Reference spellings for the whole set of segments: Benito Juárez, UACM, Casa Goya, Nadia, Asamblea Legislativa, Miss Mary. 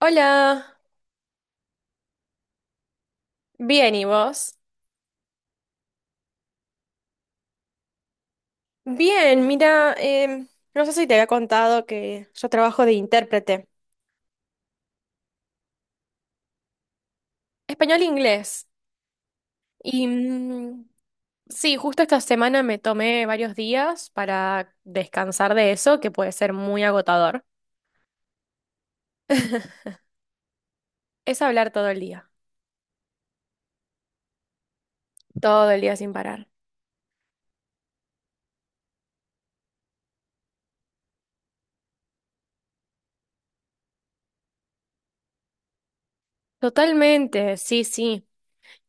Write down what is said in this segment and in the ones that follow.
Hola, bien, ¿y vos? Bien, mira, no sé si te había contado que yo trabajo de intérprete español-inglés. Y sí, justo esta semana me tomé varios días para descansar de eso, que puede ser muy agotador. Es hablar todo el día sin parar. Totalmente, sí, sí.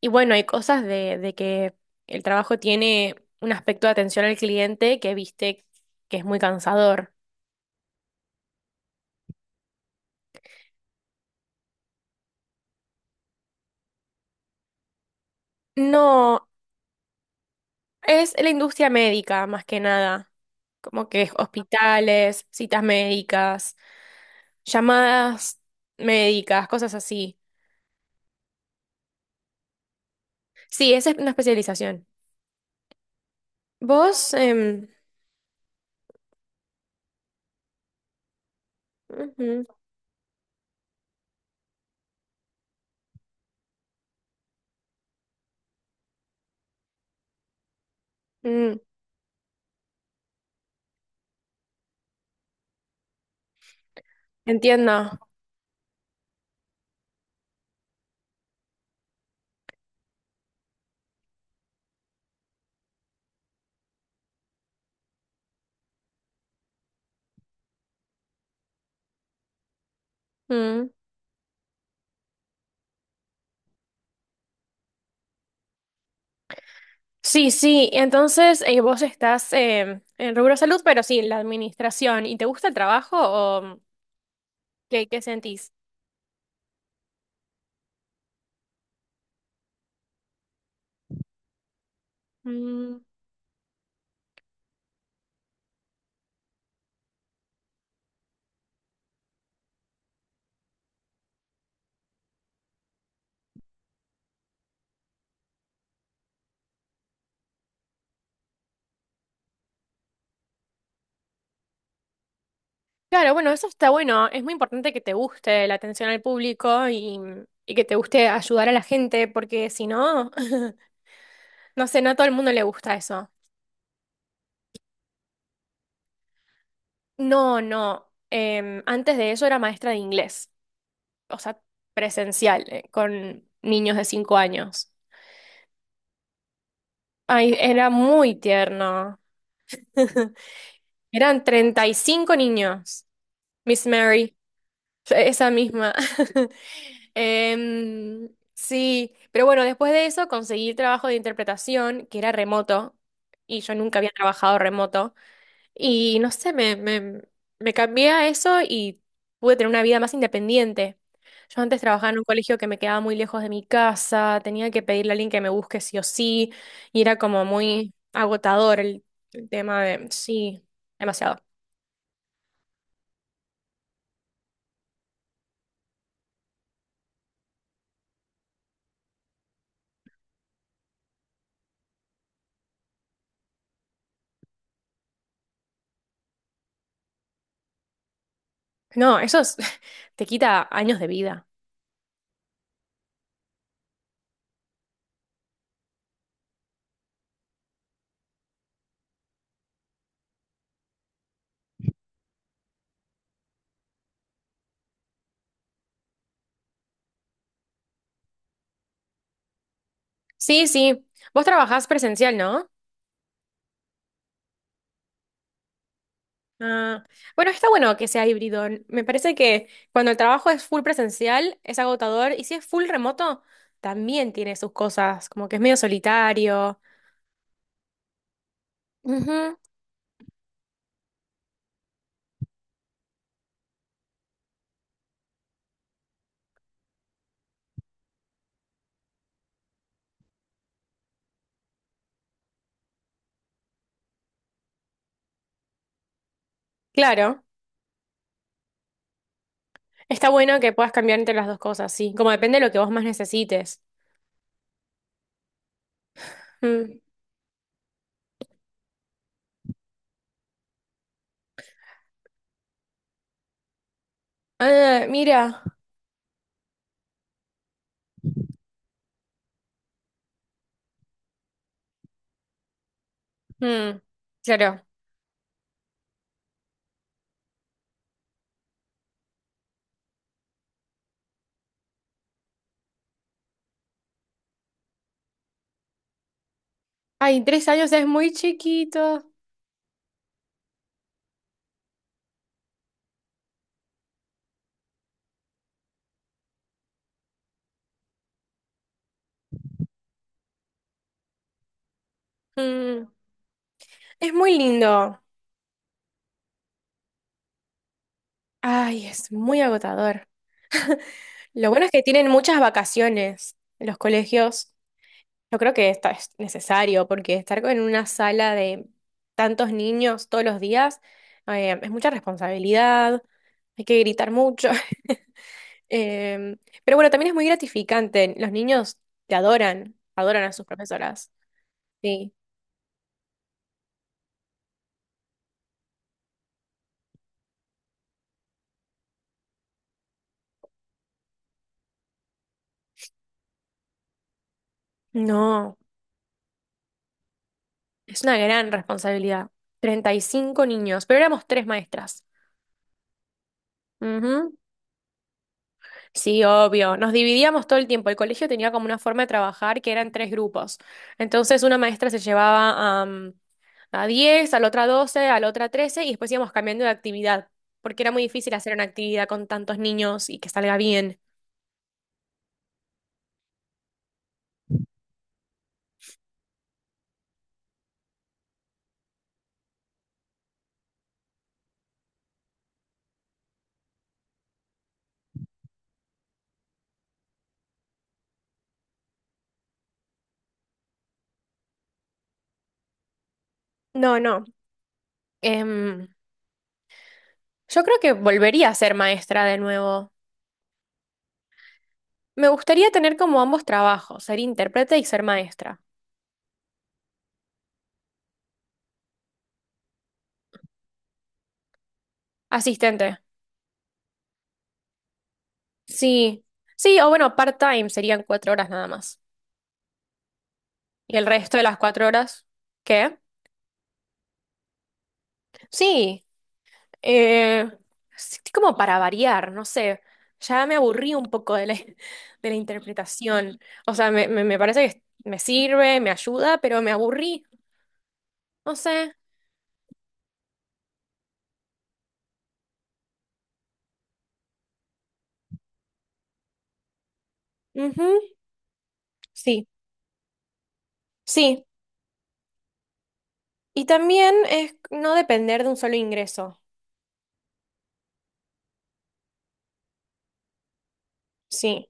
Y bueno, hay cosas de que el trabajo tiene un aspecto de atención al cliente que viste que es muy cansador. No, es la industria médica, más que nada. Como que hospitales, citas médicas, llamadas médicas, cosas así. Sí, esa es una especialización. Vos, ujú, mm, entiendo. Mm. Sí, sí, entonces vos estás en rubro salud, pero sí, en la administración. ¿Y te gusta el trabajo o qué sentís? Claro, bueno, eso está bueno. Es muy importante que te guste la atención al público y que te guste ayudar a la gente, porque si no, no sé, no a todo el mundo le gusta eso. No, no. Antes de eso era maestra de inglés, o sea, presencial, con niños de 5 años. Ay, era muy tierno. Eran 35 niños, Miss Mary. Esa misma. Sí, pero bueno, después de eso conseguí trabajo de interpretación, que era remoto, y yo nunca había trabajado remoto. Y no sé, me cambié a eso y pude tener una vida más independiente. Yo antes trabajaba en un colegio que me quedaba muy lejos de mi casa, tenía que pedirle a alguien que me busque sí o sí, y era como muy agotador el tema de, sí, demasiado. No, eso es- te quita años de vida. Sí, sí. Vos trabajás presencial, ¿no? Ah, bueno, está bueno que sea híbrido. Me parece que cuando el trabajo es full presencial, es agotador, y si es full remoto, también tiene sus cosas, como que es medio solitario. Ujú. Claro, está bueno que puedas cambiar entre las dos cosas, sí, como depende de lo que vos más necesites. Mm. Ah, mira. Mm. Claro. Ay, 3 años es muy chiquito. Mm. Es muy lindo. Ay, es muy agotador. Lo bueno es que tienen muchas vacaciones en los colegios. Yo creo que es necesario porque estar en una sala de tantos niños todos los días es mucha responsabilidad, hay que gritar mucho. Em, pero bueno, también es muy gratificante. Los niños te adoran, adoran a sus profesoras. Sí. No, es una gran responsabilidad. 35 niños, pero éramos tres maestras. Ujú. Sí, obvio. Nos dividíamos todo el tiempo. El colegio tenía como una forma de trabajar que eran tres grupos. Entonces, una maestra se llevaba a 10, a la otra 12, a la otra 13 y después íbamos cambiando de actividad, porque era muy difícil hacer una actividad con tantos niños y que salga bien. No, no. Em, yo creo que volvería a ser maestra de nuevo. Me gustaría tener como ambos trabajos, ser intérprete y ser maestra. Asistente. Sí. Sí, o bueno, part-time serían 4 horas nada más. Y el resto de las 4 horas, ¿qué? Sí, eh, sí, sí, como para variar, no sé. Ya me aburrí un poco de la, de la interpretación. O sea, me parece que me sirve, me ayuda, pero me aburrí. No sé. Ujú. Sí, sí. Y también es no depender de un solo ingreso. Sí.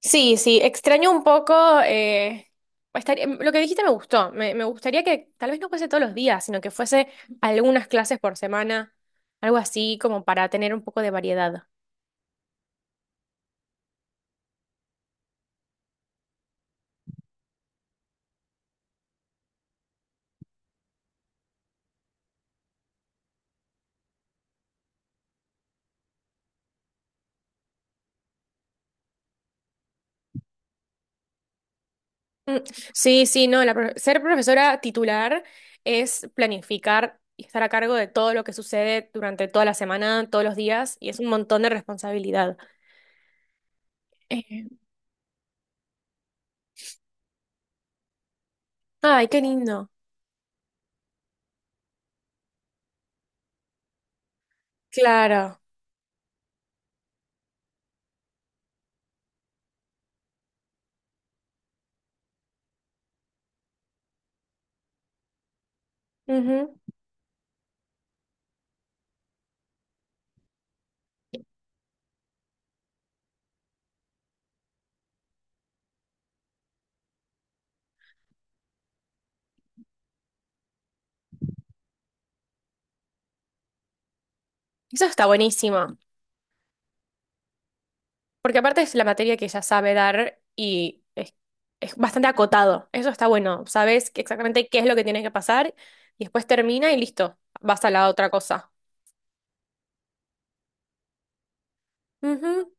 Sí, sí, extraño un poco. eh, lo que dijiste me gustó. Me gustaría que tal vez no fuese todos los días, sino que fuese algunas clases por semana, algo así como para tener un poco de variedad. Mm, Sí, sí, no, ser profesora titular es planificar y estar a cargo de todo lo que sucede durante toda la semana, todos los días, y es un montón de responsabilidad. Eh, ay, qué lindo. Claro. Ujú. Eso está buenísimo. Porque aparte es la materia que ella sabe dar y es bastante acotado. Eso está bueno. Sabes que exactamente qué es lo que tiene que pasar y después termina y listo. Vas a la otra cosa. Ujú.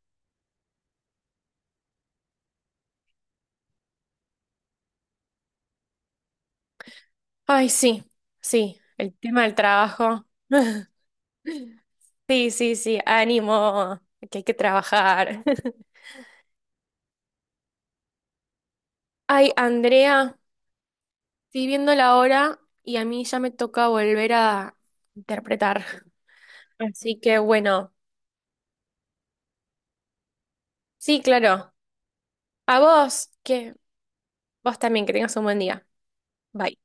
Ay, sí, sí. El tema del trabajo. Sí, sí, sí. Ánimo, que hay que trabajar. Ay, Andrea, estoy viendo la hora y a mí ya me toca volver a interpretar. Así que bueno, sí, claro. A vos, que vos también, que tengas un buen día. Bye.